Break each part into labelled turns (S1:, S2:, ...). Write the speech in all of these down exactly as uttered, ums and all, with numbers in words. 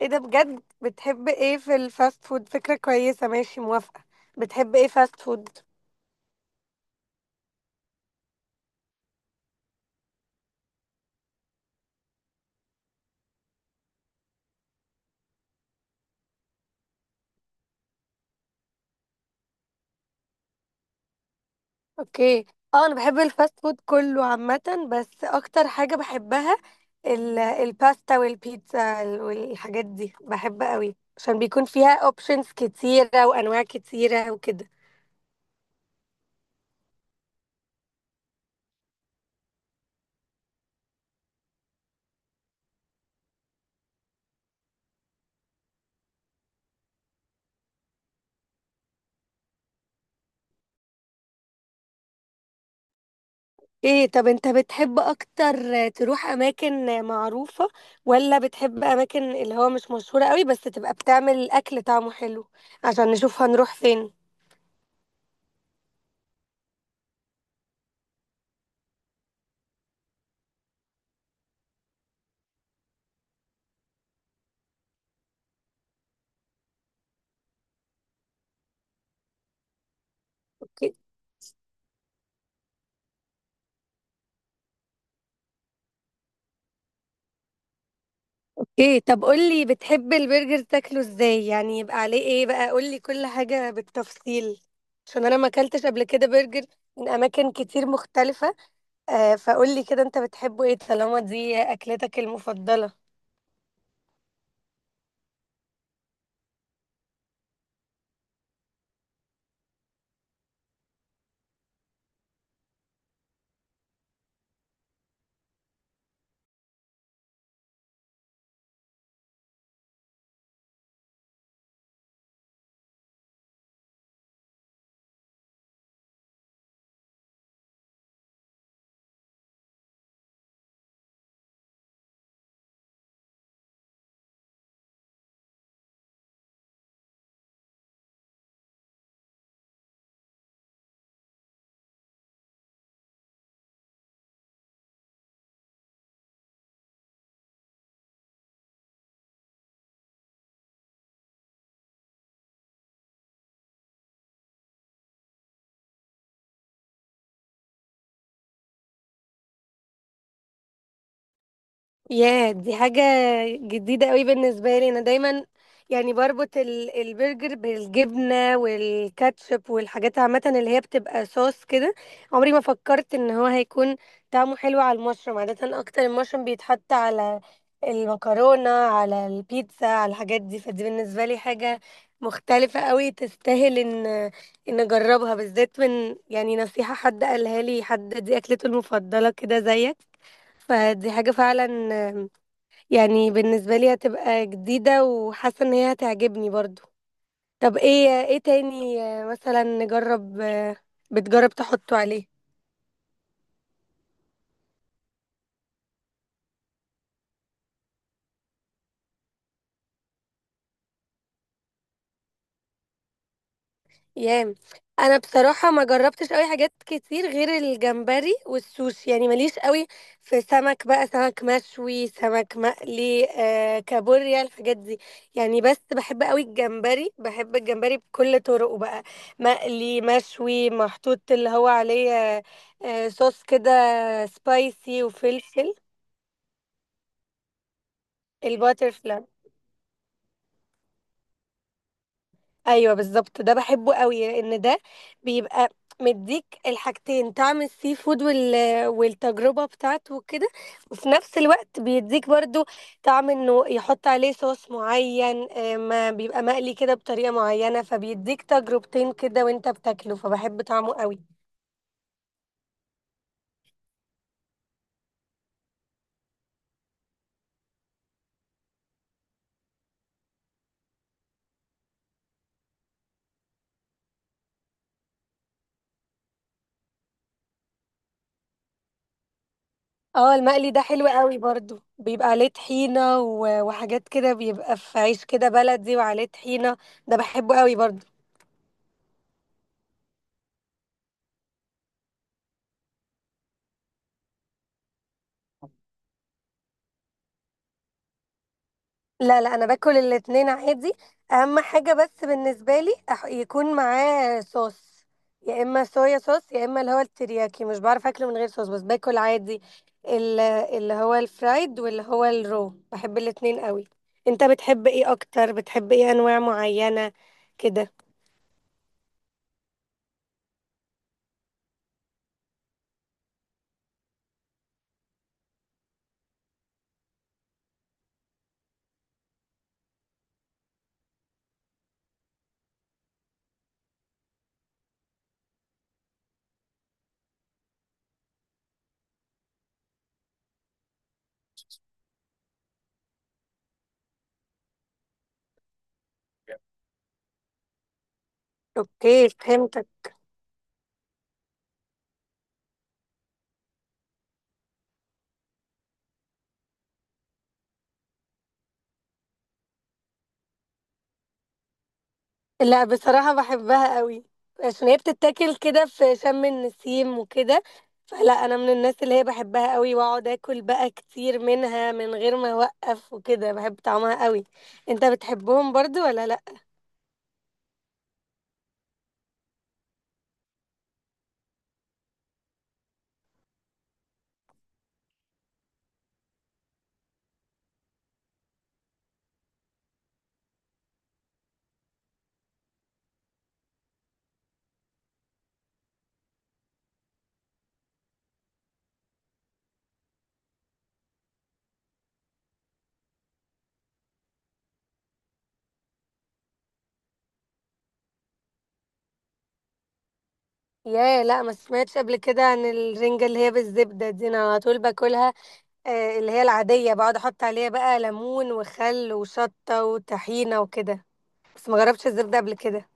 S1: ايه ده بجد؟ بتحب ايه في الفاست فود؟ فكرة كويسة، ماشي، موافقة. بتحب ايه فاست فود؟ اوكي. اه، انا بحب الفاست فود كله عامة، بس اكتر حاجة بحبها ال- الباستا والبيتزا والحاجات دي، بحب قوي عشان بيكون فيها اوبشنز كتيرة وانواع كتيرة وكده. ايه؟ طب انت بتحب اكتر تروح اماكن معروفة، ولا بتحب اماكن اللي هو مش مشهورة قوي بس تبقى بتعمل اكل طعمه حلو؟ عشان نشوف هنروح فين. ايه؟ طب قولي، بتحب البرجر تاكله ازاي؟ يعني يبقى عليه ايه بقى؟ قولي كل حاجة بالتفصيل عشان انا ما اكلتش قبل كده برجر من اماكن كتير مختلفة. آه، فقولي كده انت بتحبه ايه طالما دي اكلتك المفضلة. ياه، دي حاجة جديدة قوي بالنسبة لي. أنا دايما يعني بربط ال- البرجر بالجبنة والكاتشب والحاجات عامة اللي هي بتبقى صوص كده. عمري ما فكرت إن هو هيكون طعمه حلو على المشروم. عادة أكتر المشروم بيتحط على المكرونة، على البيتزا، على الحاجات دي، فدي بالنسبة لي حاجة مختلفة قوي، تستاهل إن إن أجربها، بالذات من يعني نصيحة حد قالها لي، حد دي أكلته المفضلة كده زيك. فدي حاجة فعلا يعني بالنسبة لي هتبقى جديدة، وحاسة ان هي هتعجبني برضو. طب ايه ايه تاني؟ آه، مثلا نجرب، آه، بتجرب تحطه عليه؟ يام. انا بصراحه ما جربتش قوي حاجات كتير غير الجمبري والسوشي، يعني ماليش قوي في سمك بقى، سمك مشوي، سمك مقلي، آه كابوريا، الحاجات دي يعني. بس بحب قوي الجمبري، بحب الجمبري بكل طرقه بقى: مقلي، مشوي، محطوط اللي هو عليه آه آه، صوص كده سبايسي وفلفل. الباترفلاي. ايوه بالظبط، ده بحبه قوي لان ده بيبقى مديك الحاجتين: طعم السي فود وال... والتجربه بتاعته وكده. وفي نفس الوقت بيديك برضو طعم انه يحط عليه صوص معين، آه، ما بيبقى مقلي كده بطريقه معينه، فبيديك تجربتين كده وانت بتاكله، فبحب طعمه قوي. اه، المقلي ده حلو قوي برضو، بيبقى عليه طحينه و... وحاجات كده، بيبقى في عيش كده بلدي وعليه طحينه. ده بحبه قوي برضو. لا لا، انا باكل الاتنين عادي. اهم حاجه بس بالنسبه لي أح- يكون معاه صوص، يا اما صويا صوص، يا اما اللي هو الترياكي، مش بعرف اكله من غير صوص، بس باكل عادي. ال- اللي هو الفرايد، واللي هو الرو، بحب الاتنين قوي. انت بتحب ايه اكتر؟ بتحب ايه؟ انواع معينه كده؟ اوكي، فهمتك. لا بصراحة بحبها قوي عشان هي بتتاكل كده في شم النسيم وكده، فلا، انا من الناس اللي هي بحبها قوي، واقعد اكل بقى كتير منها من غير ما اوقف وكده، بحب طعمها قوي. انت بتحبهم برضو ولا لا؟ يا لا، ما سمعتش قبل كده عن الرنجة اللي هي بالزبدة دي. انا على طول باكلها آه، اللي هي العادية، بقعد احط عليها بقى ليمون وخل وشطة وطحينة وكده، بس ما جربتش الزبدة قبل كده.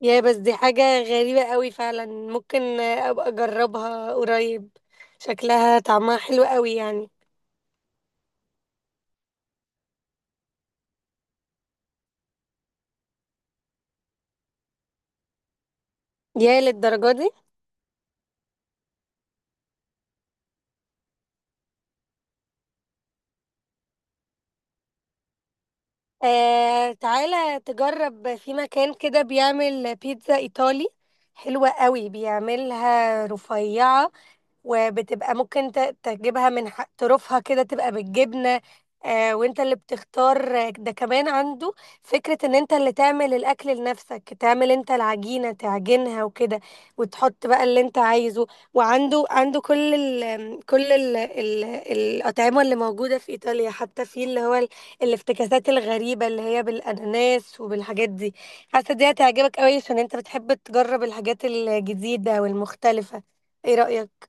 S1: يا، بس دي حاجة غريبة قوي فعلا. ممكن ابقى اجربها قريب، شكلها طعمها حلو قوي يعني. يا، للدرجة دي؟ آه، تعالى تجرب في مكان كده بيعمل بيتزا ايطالي حلوة قوي، بيعملها رفيعة، وبتبقى ممكن ت- تجيبها من ح- طرفها كده، تبقى بالجبنة. آه، وانت اللي بتختار. آه، ده كمان عنده فكرة ان انت اللي تعمل الاكل لنفسك، تعمل انت العجينة، تعجنها وكده، وتحط بقى اللي انت عايزه. وعنده عنده كل ال كل ال ال الاطعمة اللي موجودة في ايطاليا، حتى في اللي هو ال- الافتكاسات الغريبة اللي هي بالاناناس وبالحاجات دي. حاسة دي هتعجبك قوي عشان انت بتحب تجرب الحاجات الجديدة والمختلفة. ايه رأيك؟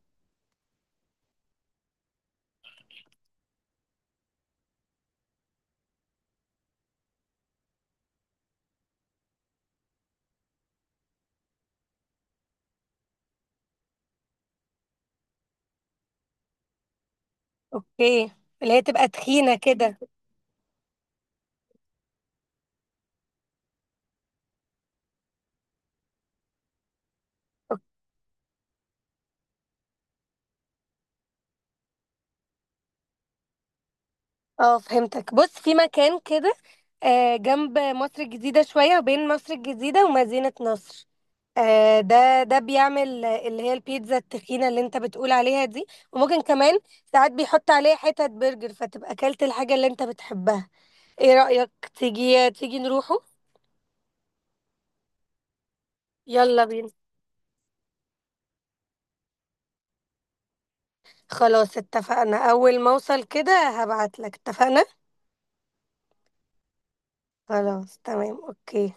S1: اوكي. اللي هي تبقى تخينة كده. اه، فهمتك. بص، في مكان كده آه، جنب مصر الجديدة شوية، وبين مصر الجديدة ومدينة نصر. آه، ده ده بيعمل، آه، اللي هي البيتزا التخينة اللي انت بتقول عليها دي، وممكن كمان ساعات بيحط عليها حتت برجر، فتبقى اكلت الحاجة اللي انت بتحبها. ايه رأيك؟ تيجي تيجي نروحه؟ يلا بينا. خلاص اتفقنا، اول ما اوصل كده هبعتلك، اتفقنا؟ خلاص تمام، اوكي.